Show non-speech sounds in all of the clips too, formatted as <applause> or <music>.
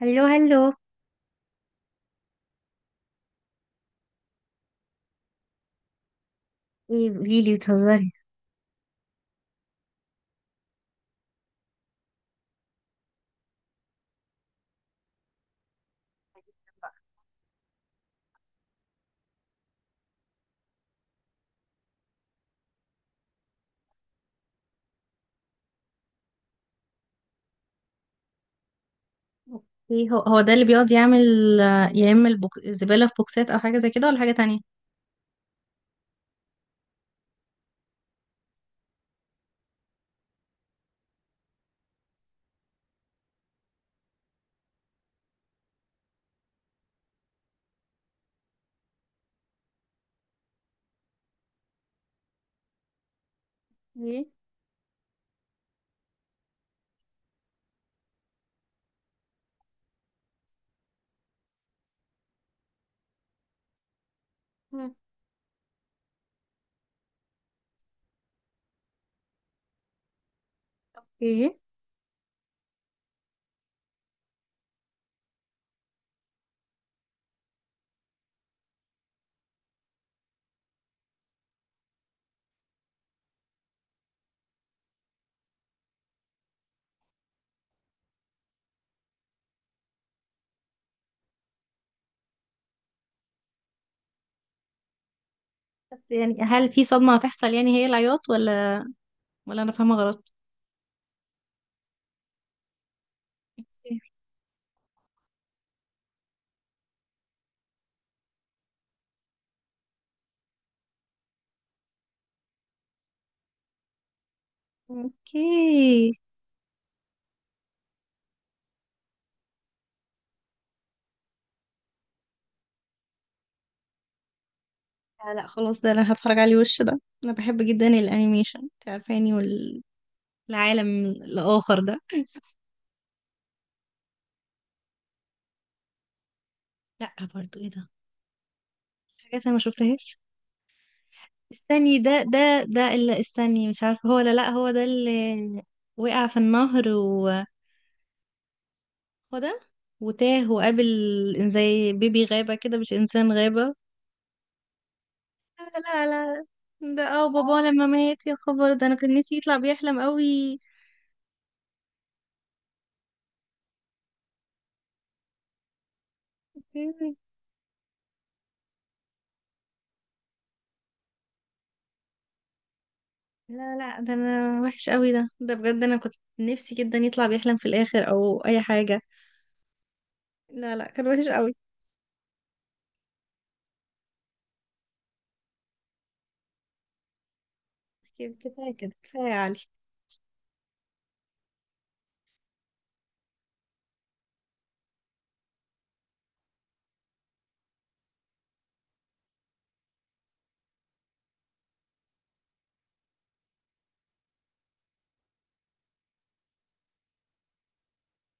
هلو هلو. ايه، قوليلي، بتهزري؟ ايه، هو ده اللي بيقعد يعمل. الزبالة في بوكسات او حاجة زي كده، ولا حاجة تانية؟ ايه. مم. ايه، بس يعني هل في صدمة هتحصل؟ يعني هي العياط، ولا انا فاهمة غلط؟ إنتي- اوكي. لا لا، خلاص، ده انا هتفرج عليه وش ده، انا بحب جدا الانيميشن، انت عارفاني، والعالم الاخر ده <laughs> لا، برضو ايه ده؟ حاجات انا ما شفتهاش. استني، ده ده اللي، استني، مش عارفة هو ولا لأ. هو ده اللي وقع في النهر و، هو ده، وتاه وقابل زي بيبي غابة كده، مش إنسان غابة. لا لا لا. ده بابا لما مات، يا خبر، ده أنا كان نفسي يطلع بيحلم قوي. مم. لا لا، ده أنا وحش قوي، ده بجد أنا كنت نفسي جدا يطلع بيحلم في الآخر أو أي حاجة. لا لا، كان وحش قوي. كفاية كده، كفاية يا علي.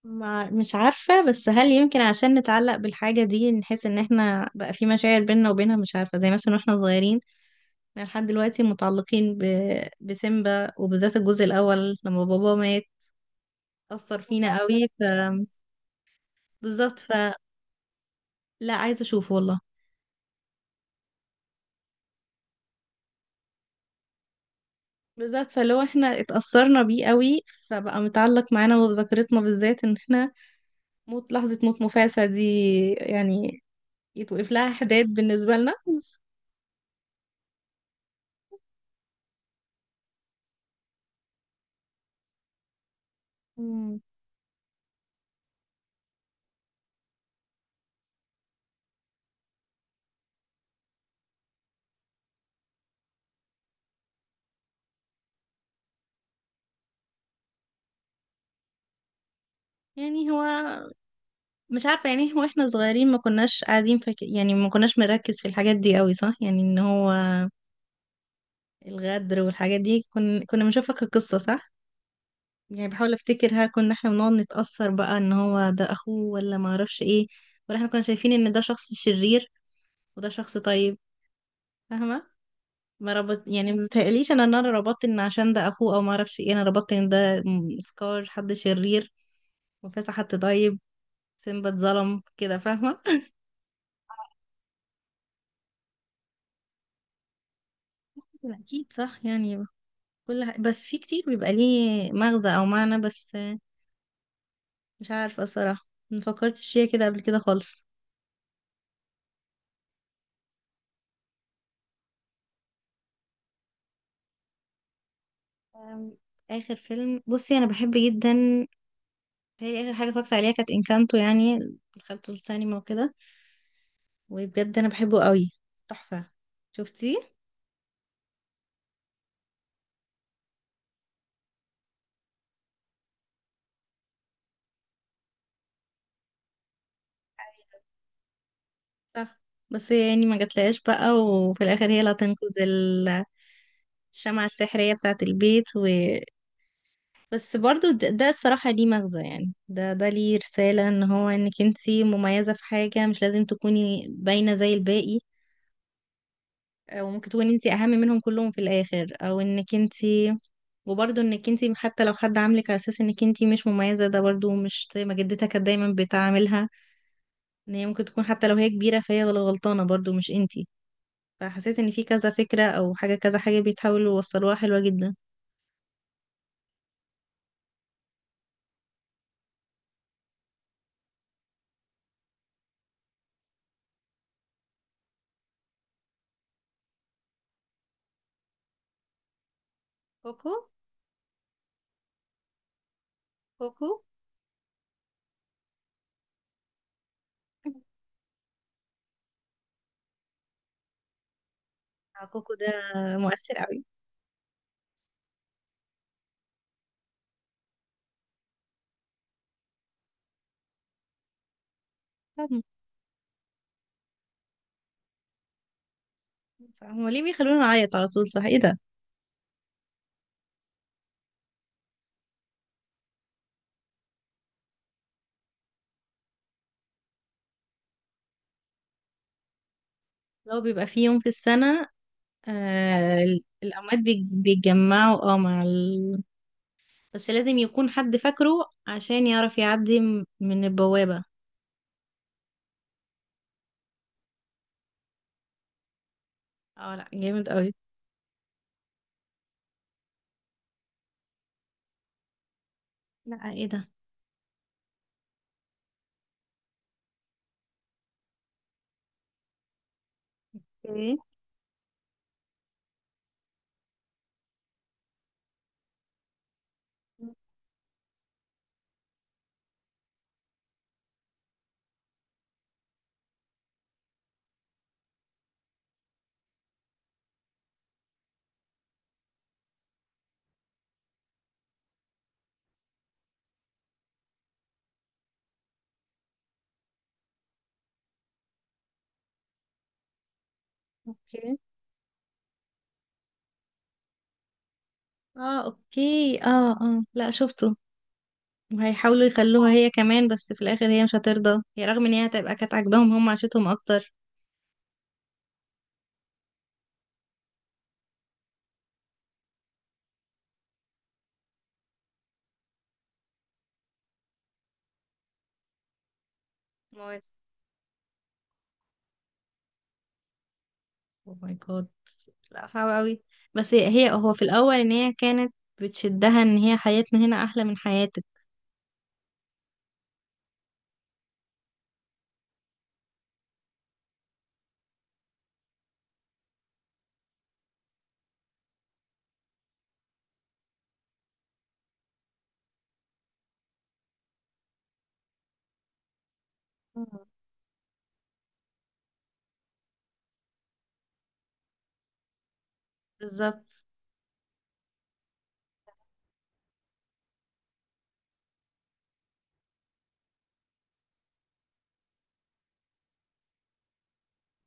مش عارفة، بس هل يمكن عشان نتعلق بالحاجة دي نحس ان احنا بقى في مشاعر بيننا وبينها؟ مش عارفة، زي مثلا واحنا صغيرين، احنا لحد دلوقتي متعلقين بسيمبا، وبالذات الجزء الاول لما بابا مات أثر فينا قوي. بالظبط، فلا، عايزة اشوفه والله. بالظبط، فلو احنا اتأثرنا بيه قوي، فبقى متعلق معانا وبذاكرتنا، بالذات ان احنا لحظة موت مفاسة دي يعني يتوقف لها حداد بالنسبة لنا. مم. يعني هو مش عارفة، يعني هو احنا صغيرين ما كناش قاعدين يعني ما كناش مركز في الحاجات دي قوي، صح؟ يعني ان هو الغدر والحاجات دي كنا بنشوفها كقصة، صح؟ يعني بحاول افتكر، هل كنا احنا بنقعد نتأثر بقى ان هو ده اخوه ولا ما اعرفش ايه؟ ولا احنا كنا شايفين ان ده شخص شرير وده شخص طيب، فاهمة؟ ما ربط، يعني ما بتهيأليش انا ان انا ربطت ان عشان ده اخوه او ما اعرفش ايه، انا ربطت ان ده سكار حد شرير وفاسح حد طيب، سيمبا اتظلم كده، فاهمة؟ <laughs> أكيد صح يعني، بس في كتير بيبقى ليه مغزى او معنى، بس مش عارفه الصراحه ما فكرتش فيها كده قبل كده خالص. أم، اخر فيلم، بصي انا بحب جدا، هي اخر حاجه اتفرجت عليها كانت انكانتو، يعني دخلته السينما وكده، وبجد انا بحبه قوي، تحفه. شفتيه؟ صح. بس هي يعني ما جاتلهاش بقى، وفي الاخر هي اللي هتنقذ الشمعة السحرية بتاعة البيت. بس برضو ده الصراحة ليه مغزى، يعني ده ليه رسالة ان هو انك انتي مميزة في حاجة، مش لازم تكوني باينة زي الباقي، او ممكن تكوني انتي اهم منهم كلهم في الاخر، او انك انتي. وبرضو انك انتي حتى لو حد عاملك على اساس انك انتي مش مميزة، ده برضو مش زي ما جدتها كانت دايما بتعاملها، ان هي ممكن تكون حتى لو هي كبيرة فهي غلطانة برضو، مش انتي. فحسيت ان في كذا فكرة او حاجة، كذا حاجة بيتحاولوا يوصلوها حلوة جدا. كوكو. كوكو. كوكو ده مؤثر قوي. هما ليه بيخلونا نعيط على طول؟ صح، ايه ده؟ لو بيبقى في يوم في السنة، آه، الأموات بيتجمعوا. بس لازم يكون حد فاكره عشان يعرف يعدي من البوابة. اه لا، جامد قوي. لا، ايه ده؟ اوكي. اوكي، اه، اوكي، اه، اه، لا شفته، وهيحاولوا يخلوها هي كمان، بس في الآخر هي مش هترضى، هي رغم ان هي هتبقى كانت عاجباهم، هم عاشتهم اكتر. اوه ماي جاد، لا صعب قوي. بس هي هو في الاول ان هي كانت بتشدها ان هي حياتنا هنا احلى من حياتك. مم. بالظبط.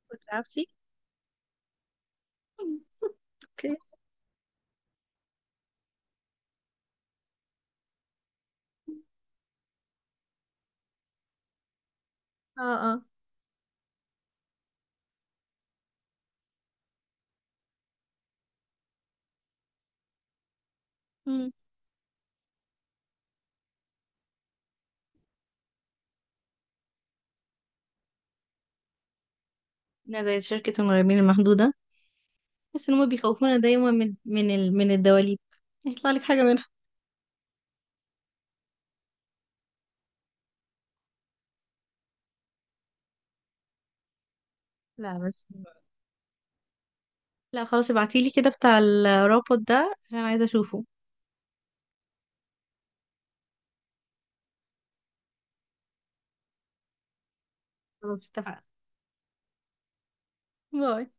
كنت عارفتي؟ اوكي، اه، اه. مم. إنها زي شركة المرعبين المحدودة، بس ان هم بيخوفونا دايما من من الدواليب، هيطلع لك حاجة منها. لا بس، لا خلاص، ابعتيلي كده بتاع الرابط ده عشان عايزة اشوفه. خلاص، اتفقنا. باي.